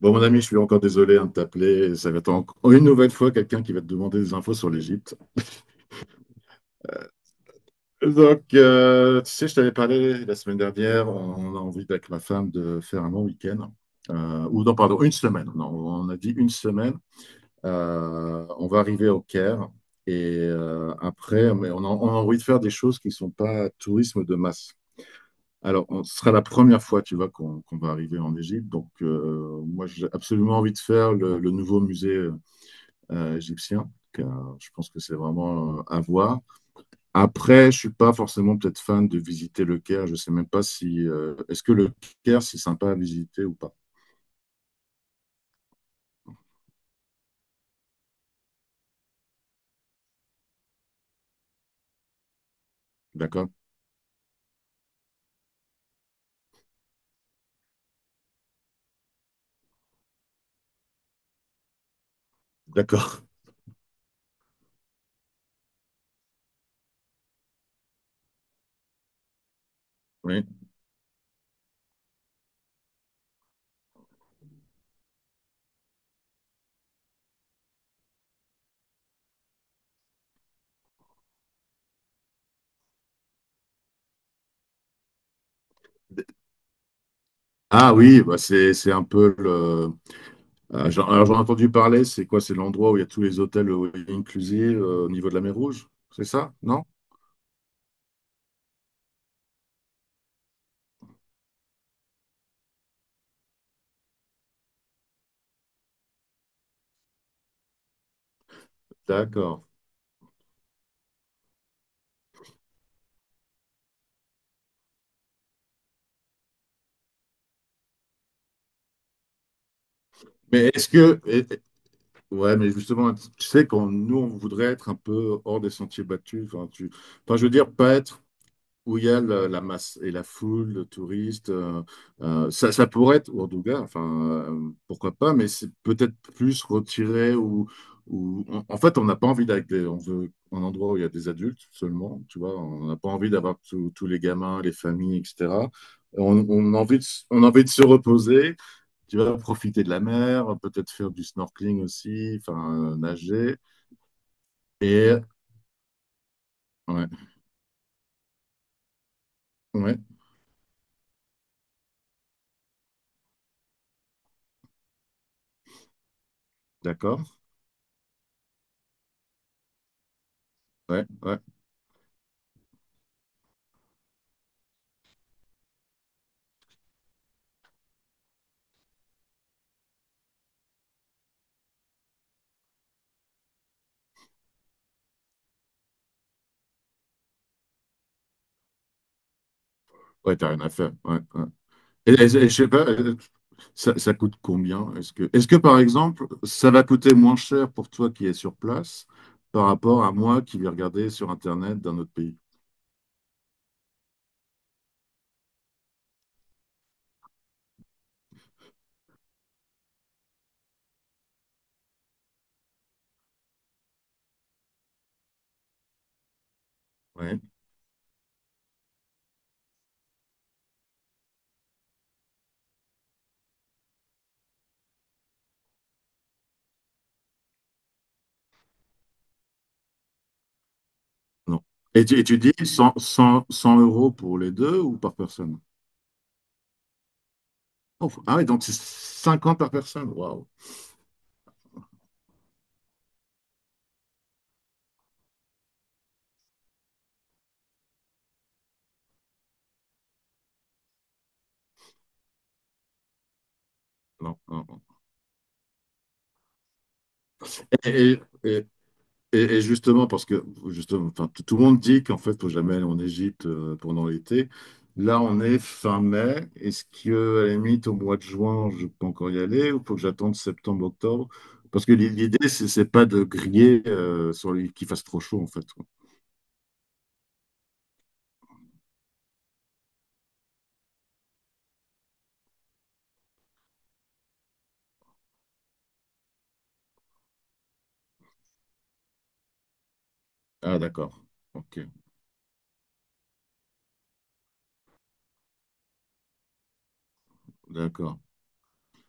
Bon, mon ami, je suis encore désolé, hein, de t'appeler. Ça va être encore une nouvelle fois quelqu'un qui va te demander des infos sur l'Égypte. Donc, tu sais, je t'avais parlé la semaine dernière. On a envie avec ma femme de faire un long week-end. Ou non, pardon, une semaine. Non, on a dit une semaine. On va arriver au Caire. Et après, mais on a envie de faire des choses qui ne sont pas tourisme de masse. Alors, ce sera la première fois, tu vois, qu'on va arriver en Égypte. Donc, moi, j'ai absolument envie de faire le nouveau musée égyptien. Donc, je pense que c'est vraiment à voir. Après, je ne suis pas forcément peut-être fan de visiter le Caire. Je ne sais même pas si est-ce que le Caire c'est sympa à visiter ou pas. D'accord, d'accord. Oui. Ah oui, bah c'est un peu le. Ah, alors j'en ai entendu parler. C'est quoi? C'est l'endroit où il y a tous les hôtels all inclusive, au niveau de la mer Rouge. C'est ça? Non? D'accord. Mais est-ce que et- ouais, mais justement, tu sais, quand nous on voudrait être un peu hors des sentiers battus. Enfin, tu. Enfin, je veux dire pas être où il y a la masse et la foule, le touriste. Ça, ça pourrait être Ouardougla, enfin, pourquoi pas, mais c'est peut-être plus retiré ou en fait, on n'a pas envie d'aller, on veut un endroit où il y a des adultes seulement, tu vois, on n'a pas envie d'avoir tous les gamins, les familles, etc. On a envie de, on a envie de se reposer, tu vois, profiter de la mer, peut-être faire du snorkeling aussi, enfin, nager. Et, ouais, ouais, d'accord, ouais, ouais, ouais, t'as rien à faire, ouais, ouais. Et je sais pas, ça, ça coûte combien? Est-ce que, par exemple, ça va coûter moins cher pour toi qui es sur place par rapport à moi qui vais regarder sur Internet d'un autre pays? Ouais. Non. Et tu dis 100 euros pour les deux ou par personne? Oh, ah oui, donc c'est 50 par personne. Waouh. Non, non, non. Et, et justement, parce que justement, enfin, tout le monde dit qu'en fait, il faut jamais aller en Égypte pendant l'été. Là, on est fin mai. Est-ce que, à la limite, au mois de juin, je peux encore y aller ou faut que j'attende septembre, octobre? Parce que l'idée, c'est pas de griller, sur les- qu'il fasse trop chaud, en fait. Quoi. Ah, d'accord. Ok, d'accord.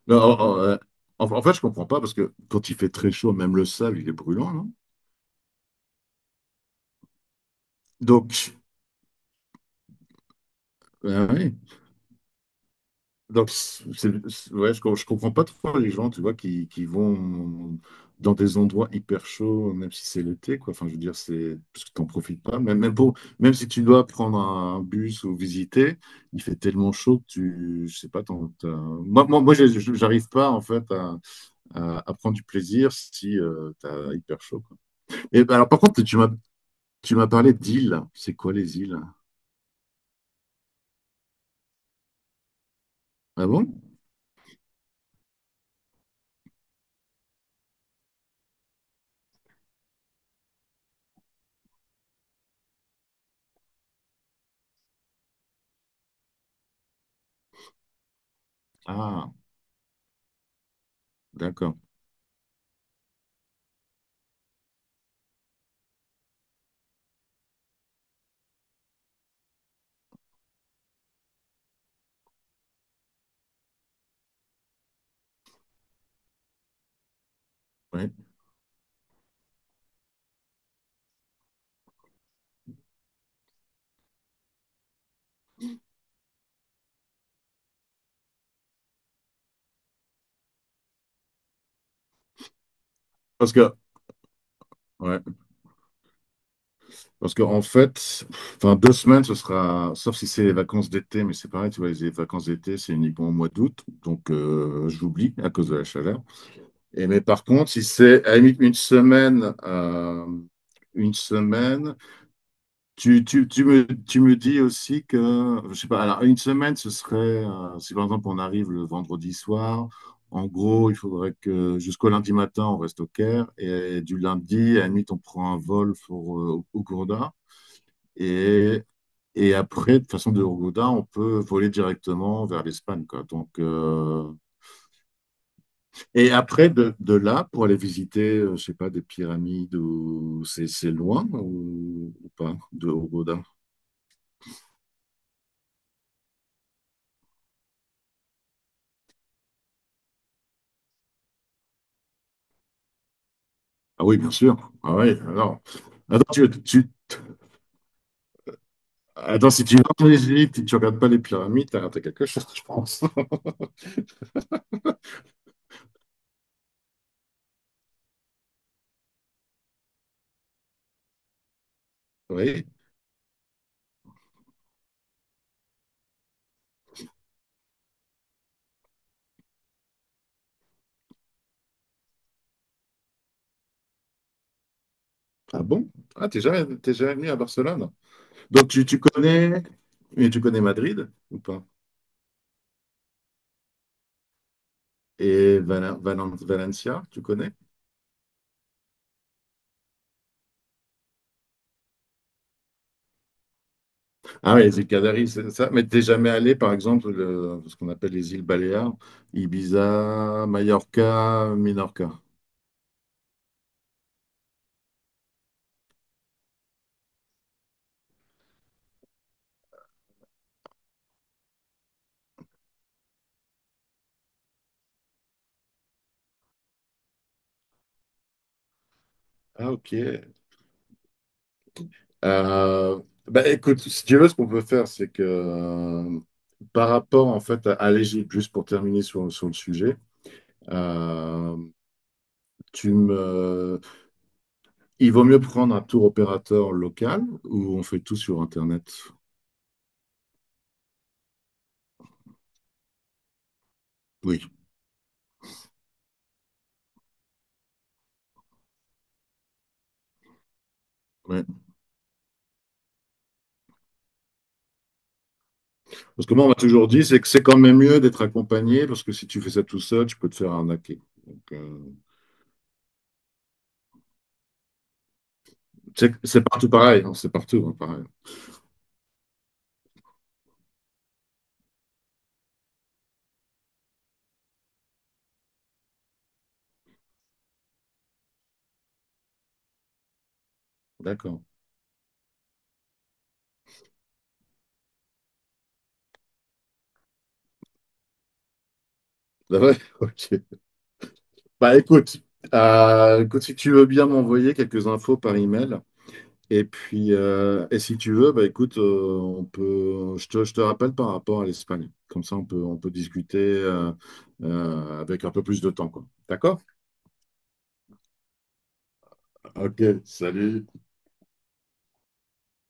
Non, en fait, je comprends pas parce que quand il fait très chaud, même le sable, il est brûlant, non? Donc, c'est, ouais, je comprends pas trop les gens, tu vois, qui vont dans des endroits hyper chauds, même si c'est l'été, quoi. Enfin, je veux dire, c'est parce que t'en profites pas. Même pour, même si tu dois prendre un bus ou visiter, il fait tellement chaud que tu, je sais pas, moi, j'arrive pas en fait à prendre du plaisir si t'as hyper chaud, quoi. Et ben, alors, par contre, tu m'as parlé d'îles. C'est quoi les îles? Ah bon? Ah, d'accord. Ouais. Parce que, ouais. Parce que en fait, enfin 2 semaines, ce sera, sauf si c'est les vacances d'été, mais c'est pareil, tu vois, les vacances d'été, c'est uniquement au mois d'août, donc j'oublie à cause de la chaleur. Et mais par contre, si c'est à la limite 1 semaine, une semaine, tu me dis aussi que, je sais pas, alors 1 semaine, ce serait, si par exemple on arrive le vendredi soir, en gros, il faudrait que jusqu'au lundi matin, on reste au Caire, et du lundi, à la limite, on prend un vol pour, au Gourda. Et et après, de façon de Hurghada, on peut voler directement vers l'Espagne, quoi. Donc, et après, de là, pour aller visiter, je sais pas, des pyramides, ou c'est loin ou pas, de Hurghada? Ah oui, bien sûr. Ah oui, alors. Attends, tu, tu- Attends, si tu vas en Égypte et tu regardes pas les pyramides, t'as raté quelque chose, je pense. Oui. Ah bon? Ah, t'es déjà venu à Barcelone. Donc, tu connais... mais tu connais Madrid ou pas? Et Valencia, tu connais? Ah oui, les îles Canaries, c'est ça. Mais t'es jamais allé, par exemple, ce qu'on appelle les îles Baléares, Ibiza, Mallorca, Minorca. Ah, ok. Euh, bah, écoute, si tu veux, ce qu'on peut faire, c'est que par rapport en fait à l'Égypte, juste pour terminer sur le sujet, euh, tu me... il vaut mieux prendre un tour opérateur local ou on fait tout sur Internet? Oui. Parce que moi, on m'a toujours dit, c'est que c'est quand même mieux d'être accompagné, parce que si tu fais ça tout seul, tu peux te faire arnaquer. Donc, c'est partout pareil, hein, c'est partout, hein, pareil. D'accord. Ah ouais, ok. Bah écoute, écoute, si tu veux bien m'envoyer quelques infos par email, et puis et si tu veux, bah écoute, on peut, je te rappelle par rapport à l'Espagne. Comme ça, on peut discuter avec un peu plus de temps, quoi. D'accord? Ok, salut.